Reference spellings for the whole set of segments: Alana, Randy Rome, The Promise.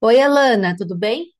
Oi, Alana, tudo bem?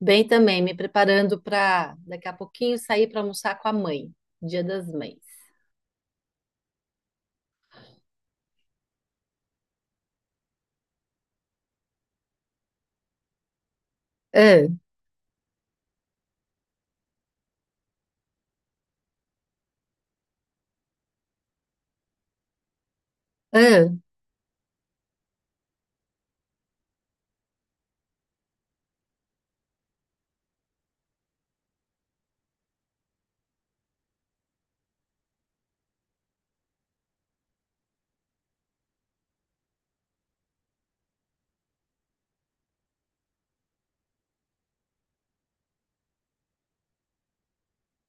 Bem também, me preparando para daqui a pouquinho sair para almoçar com a mãe, Dia das Mães. Ah, ah,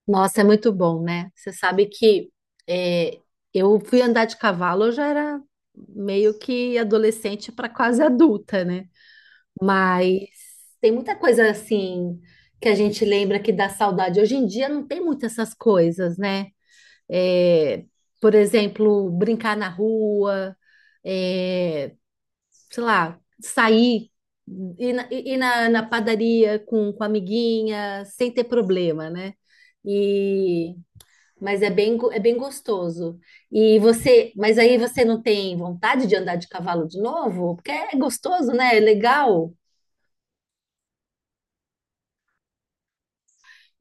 nossa, é muito bom, né? Você sabe que é, eu fui andar de cavalo, eu já era meio que adolescente para quase adulta, né? Mas tem muita coisa assim que a gente lembra que dá saudade. Hoje em dia não tem muitas essas coisas, né? É, por exemplo, brincar na rua. é, Sei lá, sair, na padaria com a amiguinha, sem ter problema, né? E, mas é bem, é bem gostoso. E você, mas aí você não tem vontade de andar de cavalo de novo? Porque é gostoso, né? É legal.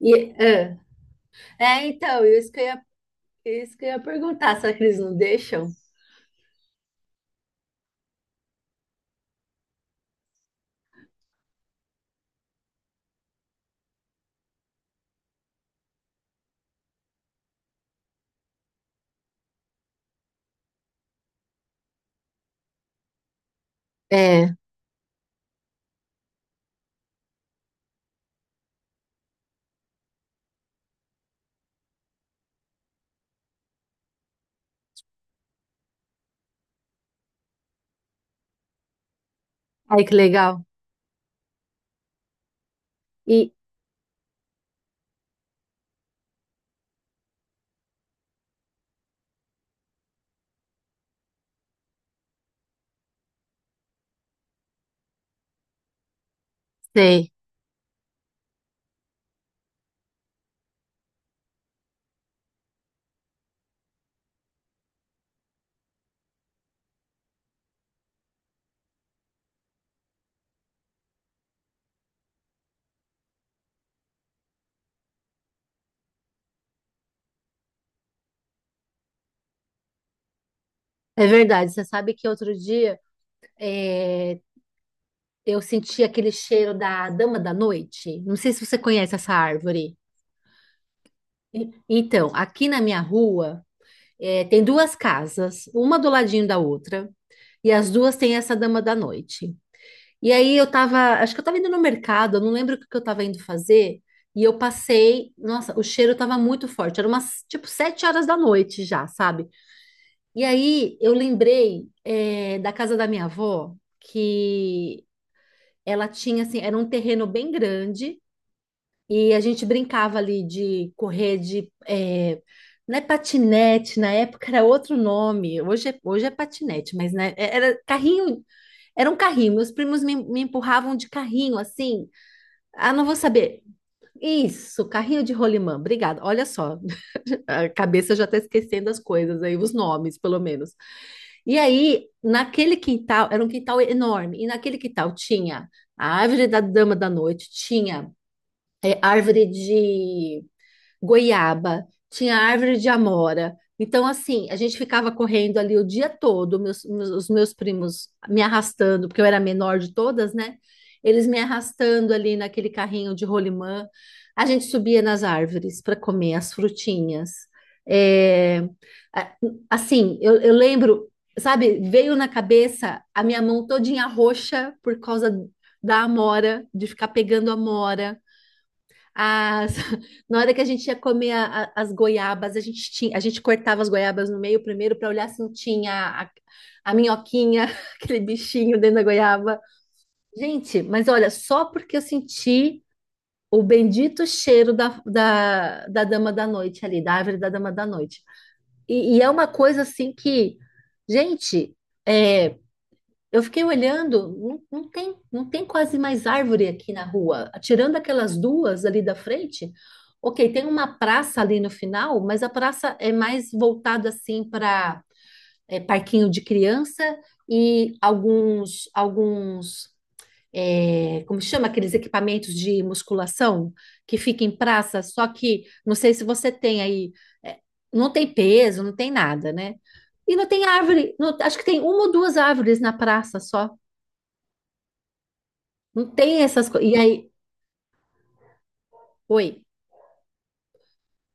E, ah, É, então, isso que eu ia perguntar, será que eles não deixam? É, ai que legal. E sei, É verdade. Você sabe que outro dia é, eu senti aquele cheiro da dama da noite. Não sei se você conhece essa árvore. Então, aqui na minha rua, tem duas casas, uma do ladinho da outra, e as duas têm essa dama da noite. E aí eu tava, acho que eu tava indo no mercado, eu não lembro o que que eu tava indo fazer, e eu passei, nossa, o cheiro tava muito forte, era umas, tipo, 7 horas da noite já, sabe? E aí eu lembrei, da casa da minha avó, que ela tinha, assim, era um terreno bem grande. E a gente brincava ali de correr de. Não é patinete, na época era outro nome, hoje é patinete, mas né, é, era carrinho, era um carrinho. Meus primos me empurravam de carrinho, assim. Ah, não vou saber. Isso, carrinho de rolimã, obrigada. Olha só, a cabeça já está esquecendo as coisas aí, os nomes, pelo menos. E aí, naquele quintal, era um quintal enorme, e naquele quintal tinha a árvore da dama da noite, tinha árvore de goiaba, tinha árvore de amora. Então, assim, a gente ficava correndo ali o dia todo, os meus primos me arrastando, porque eu era a menor de todas, né? Eles me arrastando ali naquele carrinho de rolimã. A gente subia nas árvores para comer as frutinhas. É, a- assim, eu lembro, sabe, veio na cabeça a minha mão todinha roxa por causa da amora, de ficar pegando amora. As, Na hora que a gente ia comer as goiabas, a gente cortava as goiabas no meio primeiro para olhar se não tinha a, a minhoquinha, aquele bichinho dentro da goiaba. Gente, mas olha, só porque eu senti o bendito cheiro da dama da noite ali, da árvore da dama da noite. E é uma coisa assim que, gente, é, eu fiquei olhando, não tem, não tem quase mais árvore aqui na rua. Tirando aquelas duas ali da frente, ok, tem uma praça ali no final, mas a praça é mais voltada assim para parquinho de criança e alguns, é, como chama aqueles equipamentos de musculação que fica em praça. Só que não sei se você tem aí, é, não tem peso, não tem nada, né? E não tem árvore, acho que tem uma ou duas árvores na praça só. Não tem essas coisas. E aí, oi.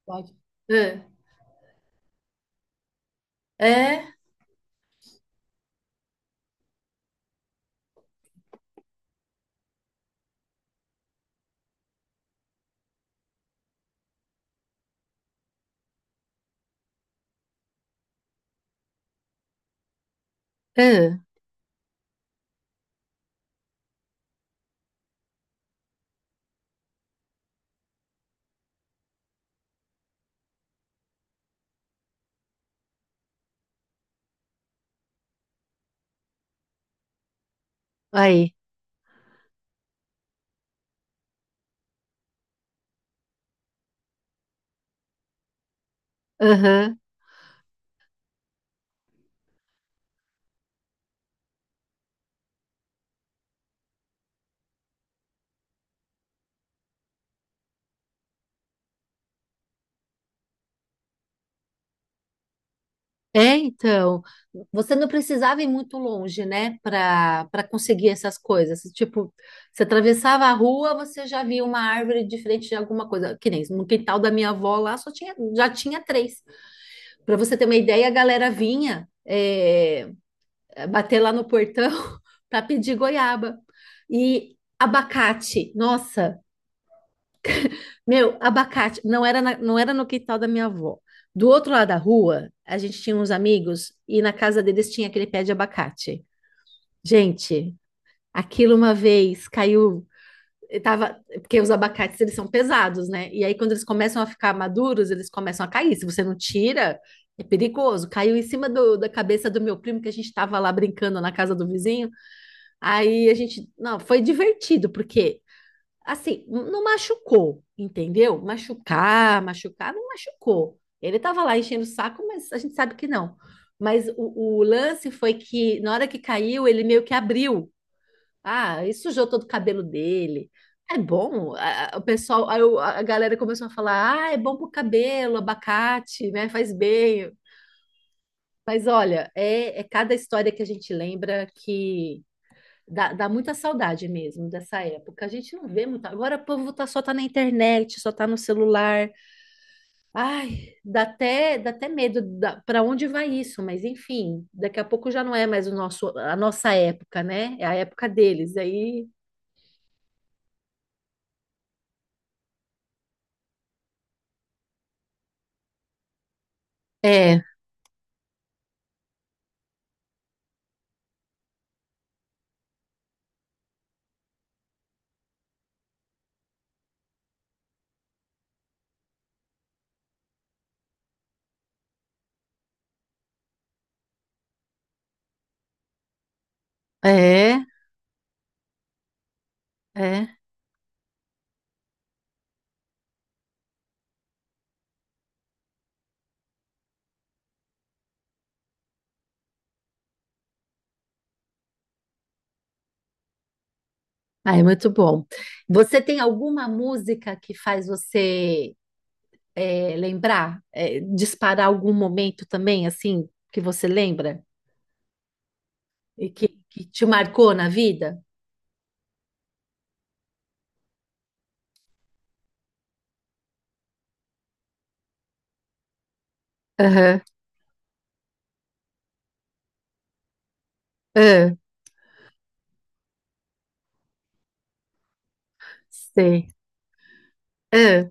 Pode. Ah, É, ah, aí, aham. É, então, você não precisava ir muito longe, né, para conseguir essas coisas. Tipo, você atravessava a rua, você já via uma árvore de frente de alguma coisa. Que nem no quintal da minha avó lá, só tinha, já tinha três. Para você ter uma ideia, a galera vinha é, bater lá no portão para pedir goiaba e abacate. Nossa. Meu, abacate não era, não era no quintal da minha avó. Do outro lado da rua, a gente tinha uns amigos e na casa deles tinha aquele pé de abacate. Gente, aquilo uma vez caiu, eu tava, porque os abacates eles são pesados, né? E aí quando eles começam a ficar maduros, eles começam a cair. Se você não tira, é perigoso. Caiu em cima da cabeça do meu primo que a gente estava lá brincando na casa do vizinho. Aí a gente, não, foi divertido porque assim, não machucou, entendeu? Machucar, machucar, não machucou. Ele estava lá enchendo o saco, mas a gente sabe que não. Mas o lance foi que na hora que caiu, ele meio que abriu. Ah, e sujou todo o cabelo dele. É bom, o pessoal, aí a galera começou a falar, ah, é bom pro cabelo, abacate, né? Faz bem. Mas olha, é cada história que a gente lembra. Dá muita saudade mesmo dessa época. A gente não vê muito. Agora o povo tá, só tá na internet, só tá no celular. Dá até medo da, para onde vai isso, mas enfim, daqui a pouco já não é mais o nosso, a nossa época, né? É a época deles. Aí é, é, é. Ai, muito bom. Você tem alguma música que faz você lembrar, é, disparar algum momento também, assim, que você lembra e que te marcou na vida? Aham. Ah, sei. Ah,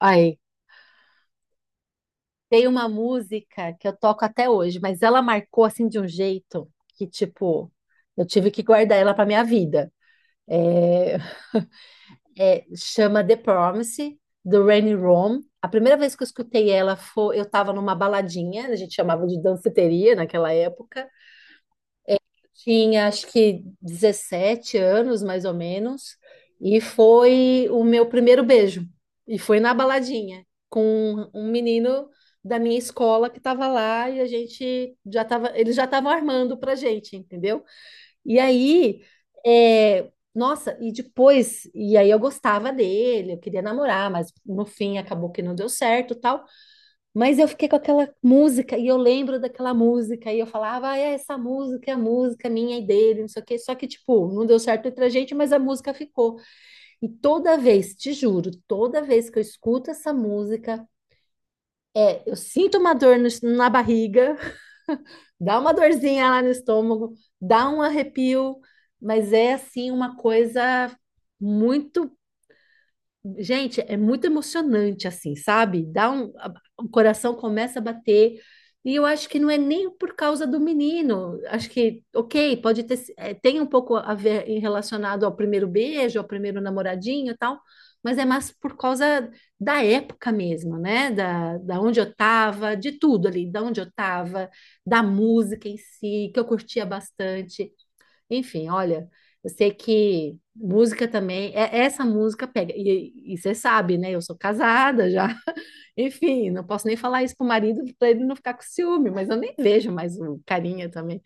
aí. Tem uma música que eu toco até hoje, mas ela marcou assim de um jeito que, tipo, eu tive que guardar ela pra minha vida. É, Chama The Promise, do Randy Rome. A primeira vez que eu escutei ela foi, eu tava numa baladinha, a gente chamava de danceteria naquela época. Tinha acho que 17 anos, mais ou menos, e foi o meu primeiro beijo. E foi na baladinha, com um menino da minha escola que estava lá e a gente já tava, eles já estavam armando pra gente, entendeu? E aí, Nossa, e aí eu gostava dele, eu queria namorar, mas no fim acabou que não deu certo, tal. Mas eu fiquei com aquela música e eu lembro daquela música e eu falava, ah, essa música é a música minha e dele, não sei o quê. Só que, tipo, não deu certo entre a gente, mas a música ficou. E toda vez, te juro, toda vez que eu escuto essa música, eu sinto uma dor na barriga, dá uma dorzinha lá no estômago, dá um arrepio, mas é assim uma coisa muito. Gente, é muito emocionante, assim, sabe? O coração começa a bater. E eu acho que não é nem por causa do menino. Acho que, ok, pode ter, tem um pouco a ver em relacionado ao primeiro beijo, ao primeiro namoradinho e tal, mas é mais por causa da época mesmo, né? Da onde eu tava, de tudo ali, da onde eu tava, da música em si, que eu curtia bastante. Enfim, olha, eu sei que música também, essa música pega, e você sabe, né? Eu sou casada já. Enfim, não posso nem falar isso pro marido para ele não ficar com ciúme, mas eu nem vejo mais o carinha também.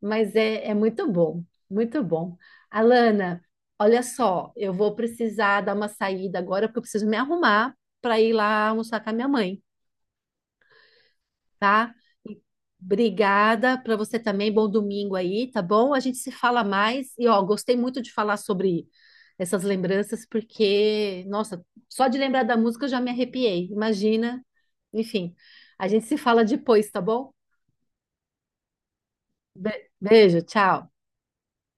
Mas é muito bom, muito bom. Alana, olha só, eu vou precisar dar uma saída agora porque eu preciso me arrumar para ir lá almoçar com a minha mãe, tá? E Obrigada para você também. Bom domingo aí, tá bom? A gente se fala mais. E ó, gostei muito de falar sobre essas lembranças, porque, nossa, só de lembrar da música eu já me arrepiei. Imagina. Enfim, a gente se fala depois, tá bom? Beijo, tchau.